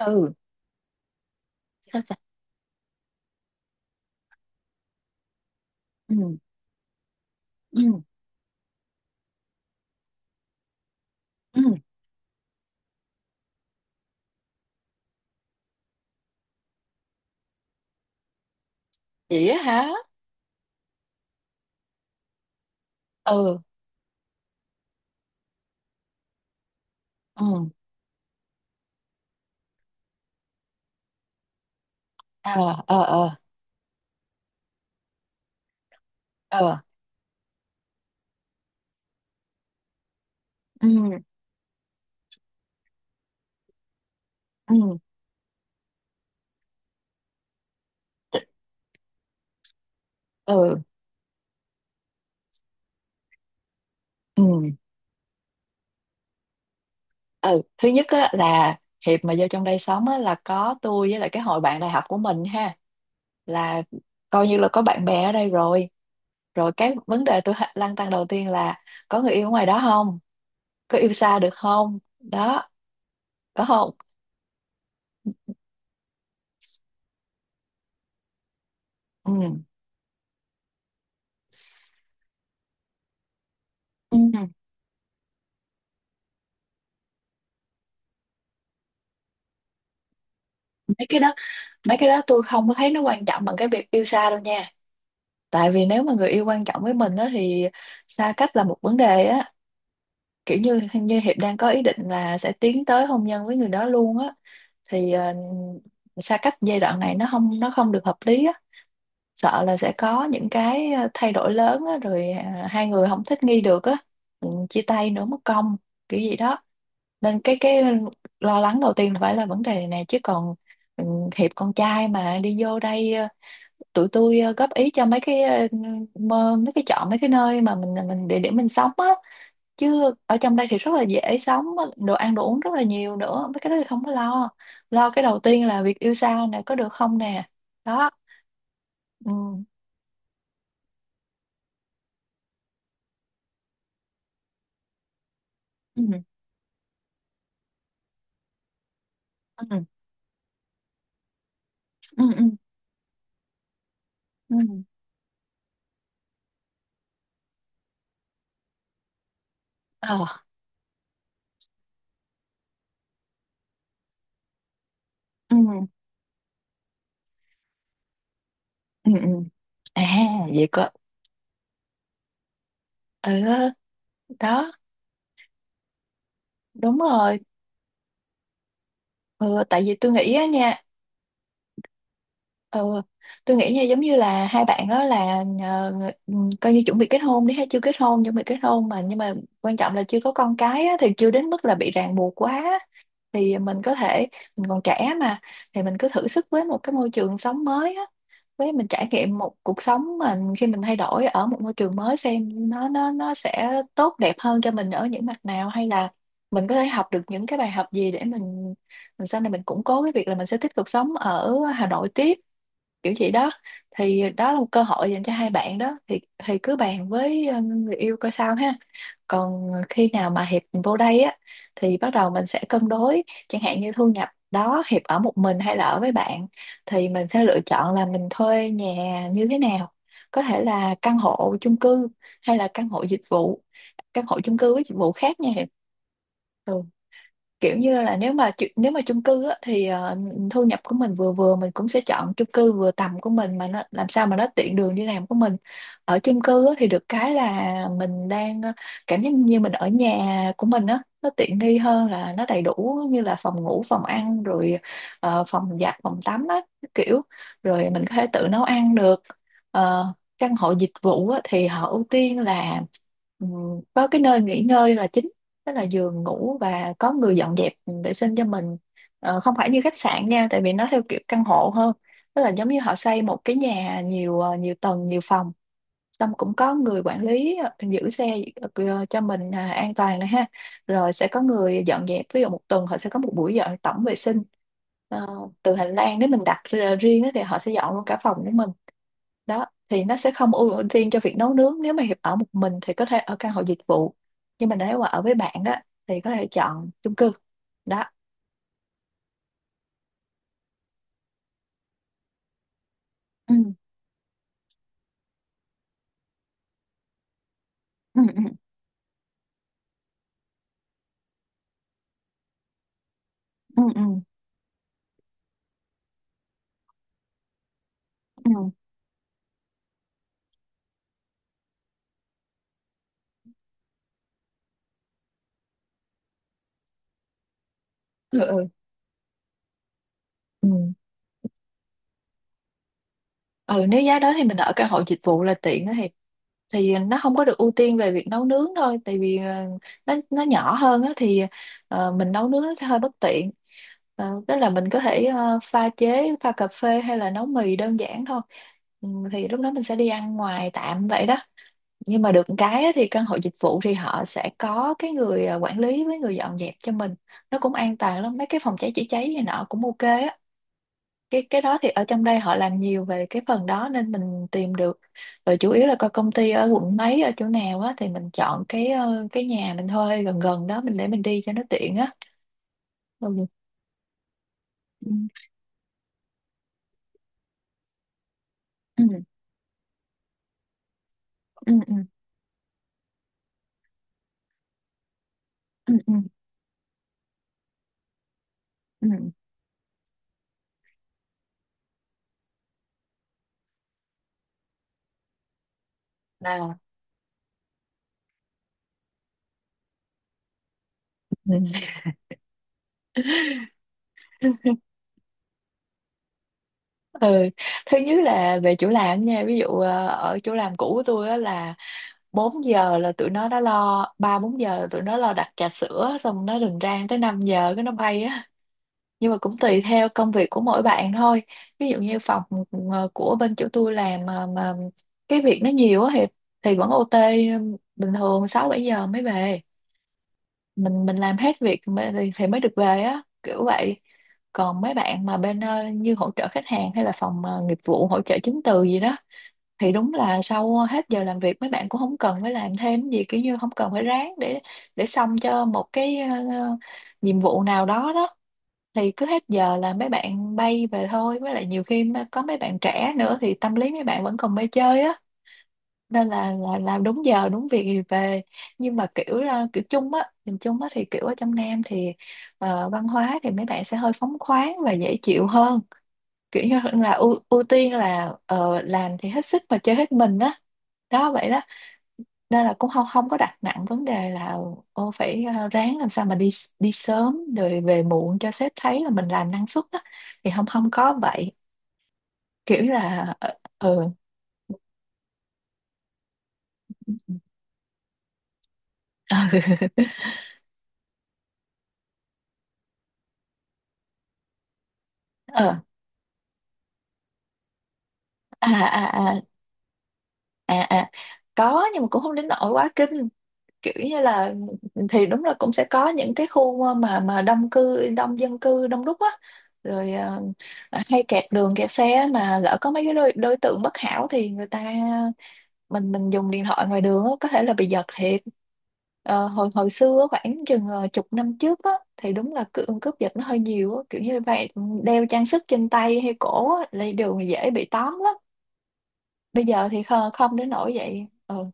Ừ. Sao sao? Ừ. Ừ. Ừ. Vậy á hả? Ừ. Ừ. Ờ. Ờ. Ờ. Ờ. Ừ. Ừ. Ừ. Ừ. Ừ. Thứ nhất á là Hiệp mà vô trong đây sống á là có tôi với lại cái hội bạn đại học của mình ha, là coi như là có bạn bè ở đây rồi. Rồi cái vấn đề tôi lăn tăn đầu tiên là có người yêu ở ngoài đó không, có yêu xa được không đó, có không? Ừ. Ừ. mấy cái đó mấy cái đó tôi không có thấy nó quan trọng bằng cái việc yêu xa đâu nha. Tại vì nếu mà người yêu quan trọng với mình đó thì xa cách là một vấn đề á, kiểu như như Hiệp đang có ý định là sẽ tiến tới hôn nhân với người đó luôn á, thì xa cách giai đoạn này nó không được hợp lý á, sợ là sẽ có những cái thay đổi lớn á, rồi hai người không thích nghi được á, ừ, chia tay nữa mất công kiểu gì đó. Nên cái lo lắng đầu tiên là phải là vấn đề này nè, chứ còn ừ, Hiệp con trai mà đi vô đây tụi tôi góp ý cho mấy cái mấy cái chọn mấy cái nơi mà mình địa điểm mình sống á, chứ ở trong đây thì rất là dễ sống, đồ ăn đồ uống rất là nhiều nữa, mấy cái đó thì không có lo. Lo cái đầu tiên là việc yêu xa nè, có được không nè, đó. Ừ. Ừ. Ừ. Ừ. Ừ. Ừ. Ờ. Ừ. Ừ. Ừ. À, vậy cơ. Ừ. Đó, đúng rồi. Ừ, tại vì tôi nghĩ á nha. Ừ, tôi nghĩ nha, giống như là hai bạn đó là coi như chuẩn bị kết hôn đi, hay chưa kết hôn chuẩn bị kết hôn mà, nhưng mà quan trọng là chưa có con cái á, thì chưa đến mức là bị ràng buộc quá, thì mình có thể, mình còn trẻ mà, thì mình cứ thử sức với một cái môi trường sống mới á, với mình trải nghiệm một cuộc sống mình khi mình thay đổi ở một môi trường mới, xem nó sẽ tốt đẹp hơn cho mình ở những mặt nào, hay là mình có thể học được những cái bài học gì để mình sau này mình củng cố cái việc là mình sẽ tiếp tục sống ở Hà Nội tiếp, kiểu vậy đó. Thì đó là một cơ hội dành cho hai bạn đó, thì cứ bàn với người yêu coi sao ha. Còn khi nào mà Hiệp vô đây á thì bắt đầu mình sẽ cân đối, chẳng hạn như thu nhập đó, Hiệp ở một mình hay là ở với bạn, thì mình sẽ lựa chọn là mình thuê nhà như thế nào, có thể là căn hộ chung cư hay là căn hộ dịch vụ. Căn hộ chung cư với dịch vụ khác nha Hiệp. Ừ. Kiểu như là nếu mà chung cư á, thì thu nhập của mình vừa vừa, mình cũng sẽ chọn chung cư vừa tầm của mình mà nó làm sao mà nó tiện đường đi làm của mình. Ở chung cư á thì được cái là mình đang cảm giác như mình ở nhà của mình á, nó tiện nghi hơn, là nó đầy đủ như là phòng ngủ phòng ăn rồi phòng giặt phòng tắm á, kiểu, rồi mình có thể tự nấu ăn được. Ờ, căn hộ dịch vụ á, thì họ ưu tiên là, ừ, có cái nơi nghỉ ngơi là chính, tức là giường ngủ, và có người dọn dẹp, ừ, vệ sinh cho mình. Ờ, không phải như khách sạn nha, tại vì nó theo kiểu căn hộ hơn, tức là giống như họ xây một cái nhà nhiều, nhiều tầng nhiều phòng, xong cũng có người quản lý, giữ xe, cho mình, à, an toàn này ha, rồi sẽ có người dọn dẹp, ví dụ một tuần họ sẽ có một buổi dọn tổng vệ sinh. Ờ, từ hành lang, nếu mình đặt ra riêng á thì họ sẽ dọn luôn cả phòng của mình, đó. Thì nó sẽ không ưu tiên cho việc nấu nướng, nếu mà Hiệp ở một mình thì có thể ở căn hộ dịch vụ, nhưng mà nếu mà ở với bạn á thì có thể chọn chung cư, đó. Ừ. Ừ. Ừ. Ừ. Ừ. Ừ. Ừ. Ừ. Ừ. Ừ, nếu giá đó thì mình ở căn hộ dịch vụ là tiện á Hiệp, thì nó không có được ưu tiên về việc nấu nướng thôi, tại vì nó nhỏ hơn á, thì mình nấu nướng nó sẽ hơi bất tiện. Ờ, tức là mình có thể pha chế, pha cà phê hay là nấu mì đơn giản thôi. Ừ, thì lúc đó mình sẽ đi ăn ngoài tạm vậy đó, nhưng mà được một cái á, thì căn hộ dịch vụ thì họ sẽ có cái người quản lý với người dọn dẹp cho mình, nó cũng an toàn lắm, mấy cái phòng cháy chữa cháy này nọ cũng ok á, cái đó thì ở trong đây họ làm nhiều về cái phần đó nên mình tìm được. Và chủ yếu là coi công ty ở quận mấy ở chỗ nào á thì mình chọn cái cái nhà mình thuê gần gần đó, mình để mình đi cho nó tiện á. Ừ. Ừ. Ừ. Ừ. Ừ. Ừ. Ừ. Ừ. À. Ừ. Ừ, thứ nhất là về chỗ làm nha, ví dụ ở chỗ làm cũ của tôi á là 4 giờ là tụi nó đã lo, ba bốn giờ là tụi nó lo đặt trà sữa, xong nó rình rang tới 5 giờ cái nó bay á, nhưng mà cũng tùy theo công việc của mỗi bạn thôi. Ví dụ như phòng của bên chỗ tôi làm mà cái việc nó nhiều á, thì vẫn OT, bình thường 6 7 giờ mới về, mình làm hết việc thì mới được về á, kiểu vậy. Còn mấy bạn mà bên như hỗ trợ khách hàng hay là phòng nghiệp vụ hỗ trợ chứng từ gì đó, thì đúng là sau hết giờ làm việc mấy bạn cũng không cần phải làm thêm gì, kiểu như không cần phải ráng để xong cho một cái nhiệm vụ nào đó đó. Thì cứ hết giờ là mấy bạn bay về thôi, với lại nhiều khi mà có mấy bạn trẻ nữa thì tâm lý mấy bạn vẫn còn mê chơi á, nên là làm đúng giờ đúng việc thì về. Nhưng mà kiểu là kiểu chung á, nhìn chung á thì kiểu ở trong Nam thì văn hóa thì mấy bạn sẽ hơi phóng khoáng và dễ chịu hơn, kiểu như là ưu tiên là làm thì hết sức mà chơi hết mình á, đó, vậy đó. Nên là cũng không không có đặt nặng vấn đề là ô phải, ráng làm sao mà đi đi sớm rồi về muộn cho sếp thấy là mình làm năng suất á, thì không không có vậy, kiểu là ừ, ờ. À, à, à, à, à. Có nhưng mà cũng không đến nỗi quá kinh, kiểu như là, thì đúng là cũng sẽ có những cái khu mà đông dân cư đông đúc á, rồi hay kẹt đường kẹt xe á, mà lỡ có mấy cái đối tượng bất hảo thì người ta, mình dùng điện thoại ngoài đường á, có thể là bị giật thiệt. Ờ, hồi hồi xưa á, khoảng chừng chục năm trước á, thì đúng là cướp giật nó hơi nhiều á, kiểu như vậy. Đeo trang sức trên tay hay cổ á là đều dễ bị tóm lắm. Bây giờ thì không đến nỗi vậy, ừ.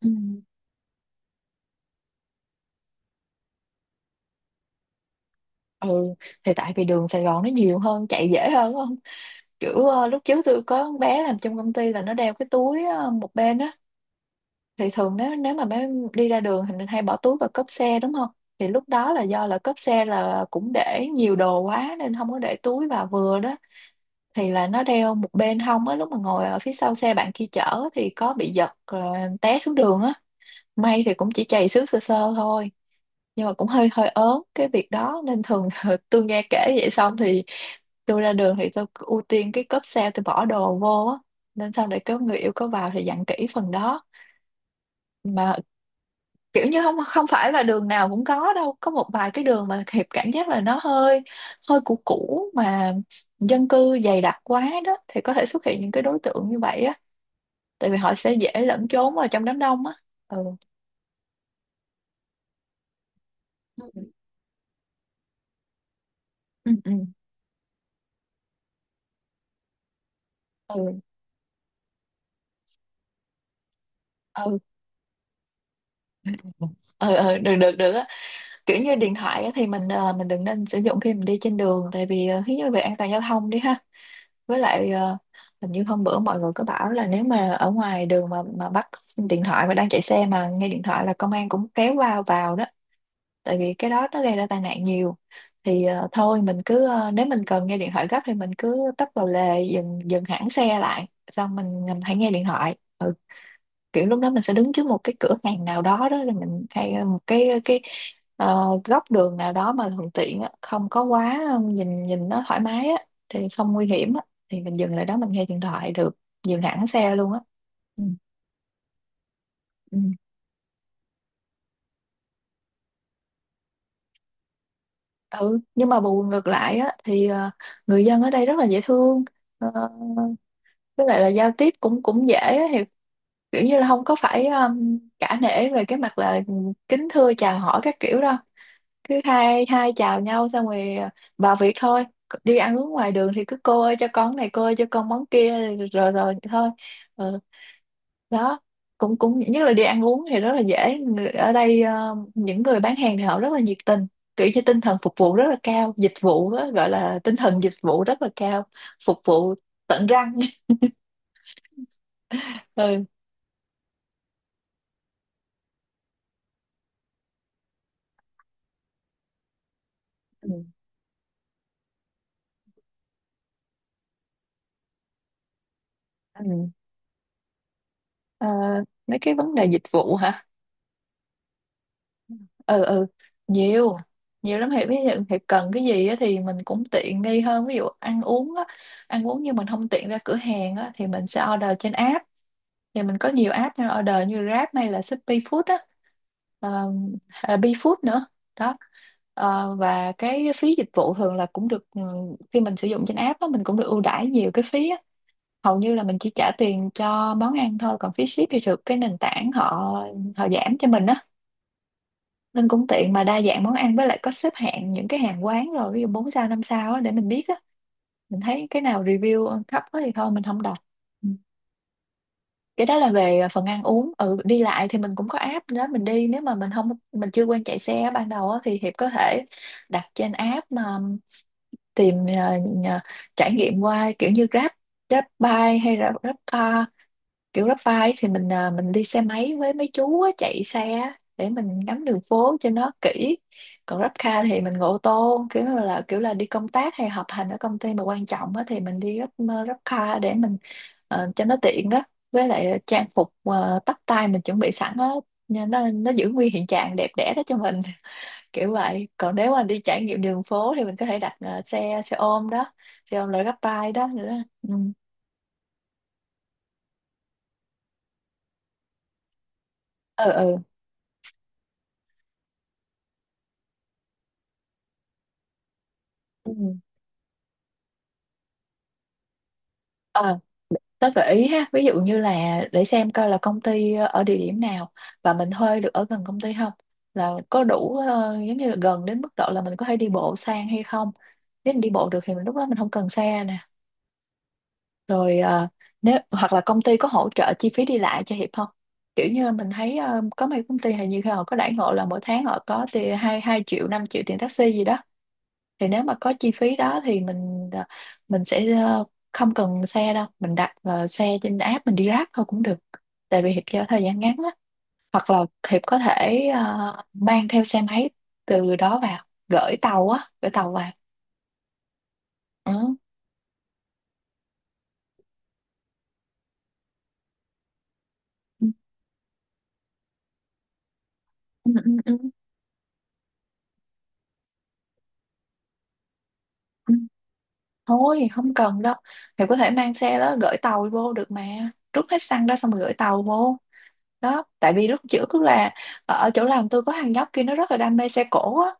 Ừ. Ừ. Thì tại vì đường Sài Gòn nó nhiều hơn, chạy dễ hơn đúng không? Kiểu lúc trước tôi có con bé làm trong công ty, là nó đeo cái túi một bên á. Thì thường nếu nếu mà bé đi ra đường thì mình hay bỏ túi vào cốp xe đúng không? Thì lúc đó là do là cốp xe là cũng để nhiều đồ quá nên không có để túi vào vừa đó. Thì là nó đeo một bên hông á, lúc mà ngồi ở phía sau xe bạn kia chở thì có bị giật, té xuống đường á. May thì cũng chỉ chày xước sơ sơ thôi. Nhưng mà cũng hơi hơi ớn cái việc đó nên thường tôi nghe kể vậy xong thì tôi ra đường thì tôi ưu tiên cái cốp xe tôi bỏ đồ vô á. Nên sau để có người yêu có vào thì dặn kỹ phần đó mà. Kiểu như không, không phải là đường nào cũng có đâu, có một vài cái đường mà Hiệp cảm giác là nó hơi hơi cũ cũ mà dân cư dày đặc quá đó thì có thể xuất hiện những cái đối tượng như vậy á. Tại vì họ sẽ dễ lẫn trốn vào trong đám đông á. Ừ ừ ừ ừ, ừ. Ừ ừ, được được được á. Kiểu như điện thoại á, thì mình đừng nên sử dụng khi mình đi trên đường, tại vì thứ nhất là về an toàn giao thông đi ha. Với lại hình như hôm bữa mọi người có bảo là nếu mà ở ngoài đường mà bắt điện thoại mà đang chạy xe mà nghe điện thoại là công an cũng kéo vào vào đó. Tại vì cái đó nó gây ra tai nạn nhiều. Thì thôi mình cứ nếu mình cần nghe điện thoại gấp thì mình cứ tấp vào lề, dừng dừng hẳn xe lại, xong mình hãy nghe điện thoại. Ừ. Kiểu lúc đó mình sẽ đứng trước một cái cửa hàng nào đó đó rồi mình hay một cái góc đường nào đó mà thuận tiện á, không có quá nhìn nhìn nó thoải mái á thì không nguy hiểm á. Thì mình dừng lại đó mình nghe điện thoại được, dừng hẳn xe luôn á. Ừ, ừ. Ừ nhưng mà bù ngược lại á thì người dân ở đây rất là dễ thương. Ờ, với lại là giao tiếp cũng cũng dễ á, thì kiểu như là không có phải cả nể về cái mặt là kính thưa chào hỏi các kiểu đâu. Cứ hai hai chào nhau xong rồi, vào việc thôi. Đi ăn uống ngoài đường thì cứ cô ơi cho con này, cô ơi cho con món kia, rồi rồi thôi. Ừ. Đó, cũng cũng nhất là đi ăn uống thì rất là dễ. Ở đây những người bán hàng thì họ rất là nhiệt tình, kiểu như tinh thần phục vụ rất là cao, dịch vụ á, gọi là tinh thần dịch vụ rất là cao. Phục vụ tận răng. Ừ. Ừ. Ừ. Ờ, mấy cái vấn đề dịch vụ hả? Ừ ừ. Nhiều, nhiều lắm Hiệp. Ví dụ Hiệp cần cái gì á thì mình cũng tiện nghi hơn, ví dụ ăn uống á, ăn uống nhưng mình không tiện ra cửa hàng á thì mình sẽ order trên app. Thì mình có nhiều app nên order như Grab hay là Shopee Food á, ờ, hay là BeFood nữa. Đó. Ờ, và cái phí dịch vụ thường là cũng được. Ừ, khi mình sử dụng trên app á mình cũng được ưu đãi nhiều cái phí á, hầu như là mình chỉ trả tiền cho món ăn thôi, còn phí ship thì được cái nền tảng họ họ giảm cho mình á. Nên cũng tiện, mà đa dạng món ăn, với lại có xếp hạng những cái hàng quán, rồi ví dụ 4 sao 5 sao á để mình biết á. Mình thấy cái nào review thấp quá thì thôi mình không đọc. Ừ. Cái đó là về phần ăn uống. Ừ, đi lại thì mình cũng có app đó mình đi, nếu mà mình không, mình chưa quen chạy xe ban đầu á, thì Hiệp có thể đặt trên app mà tìm trải nghiệm qua kiểu như Grab, Grab Bike hay là Grab Car. Kiểu Grab bike thì mình à, mình đi xe máy với mấy chú á, chạy xe á, để mình ngắm đường phố cho nó kỹ. Còn Grab car thì mình ngồi ô tô, kiểu là đi công tác hay họp hành ở công ty mà quan trọng á, thì mình đi Grab, Grab car, để mình cho nó tiện á. Với lại trang phục tóc tai mình chuẩn bị sẵn á, nên nó giữ nguyên hiện trạng đẹp đẽ đó cho mình. Kiểu vậy, còn nếu mà đi trải nghiệm đường phố thì mình có thể đặt xe xe ôm đó, xe ôm loại Grab bike đó nữa. Ừ ừ ừ, ừ. Tớ gợi ý ha, ví dụ như là để xem coi là công ty ở địa điểm nào, và mình thuê được ở gần công ty không, là có đủ giống như là gần đến mức độ là mình có thể đi bộ sang hay không. Nếu mình đi bộ được thì mình lúc đó mình không cần xe nè. Rồi nếu hoặc là công ty có hỗ trợ chi phí đi lại cho Hiệp không? Kiểu như mình thấy có mấy công ty hình như họ có đãi ngộ là mỗi tháng họ có tiền hai hai triệu, 5 triệu tiền taxi gì đó, thì nếu mà có chi phí đó thì mình sẽ không cần xe đâu, mình đặt xe trên app mình đi Grab thôi cũng được. Tại vì Hiệp cho thời gian ngắn á, hoặc là Hiệp có thể mang theo xe máy từ đó vào gửi tàu á, gửi tàu vào. Ừ. Ừ, ừ, ừ, ừ, ừ. Thôi không cần đâu. Hiệp có thể mang xe đó gửi tàu vô được mà, rút hết xăng đó xong rồi gửi tàu vô. Đó, tại vì lúc trước là ở chỗ làm tôi có thằng nhóc kia nó rất là đam mê xe cổ á,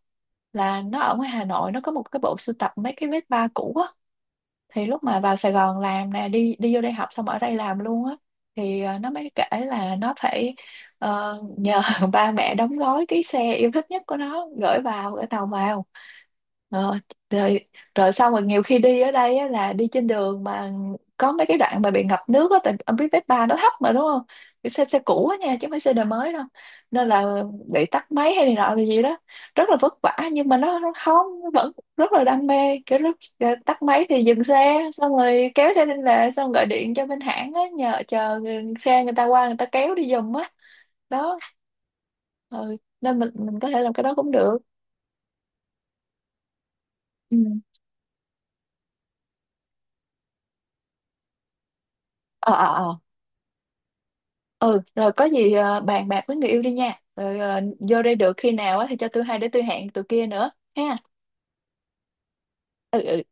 là nó ở ngoài Hà Nội nó có một cái bộ sưu tập mấy cái vết ba cũ á. Thì lúc mà vào Sài Gòn làm nè, đi đi vô đây học xong ở đây làm luôn á, thì nó mới kể là nó phải nhờ ba mẹ đóng gói cái xe yêu thích nhất của nó gửi vào, gửi tàu vào. Ờ, rồi rồi xong rồi, nhiều khi đi ở đây á, là đi trên đường mà có mấy cái đoạn mà bị ngập nước á, tại ông biết Vespa ba nó thấp mà đúng không? Cái xe xe cũ á nha, chứ không phải xe đời mới đâu, nên là bị tắt máy hay này nọ là gì đó, rất là vất vả. Nhưng mà nó không, nó vẫn rất là đam mê. Kiểu lúc tắt máy thì dừng xe xong rồi kéo xe lên lề, xong gọi điện cho bên hãng á, nhờ chờ xe người ta qua người ta kéo đi giùm á. Đó. Ừ. Nên mình có thể làm cái đó cũng được. Ừ. Ờ ờ ờ. Ừ rồi có gì bàn bạc với người yêu đi nha, rồi vô đây được khi nào á thì cho tôi hay để tôi hẹn tụi kia nữa ha. Ừ ừ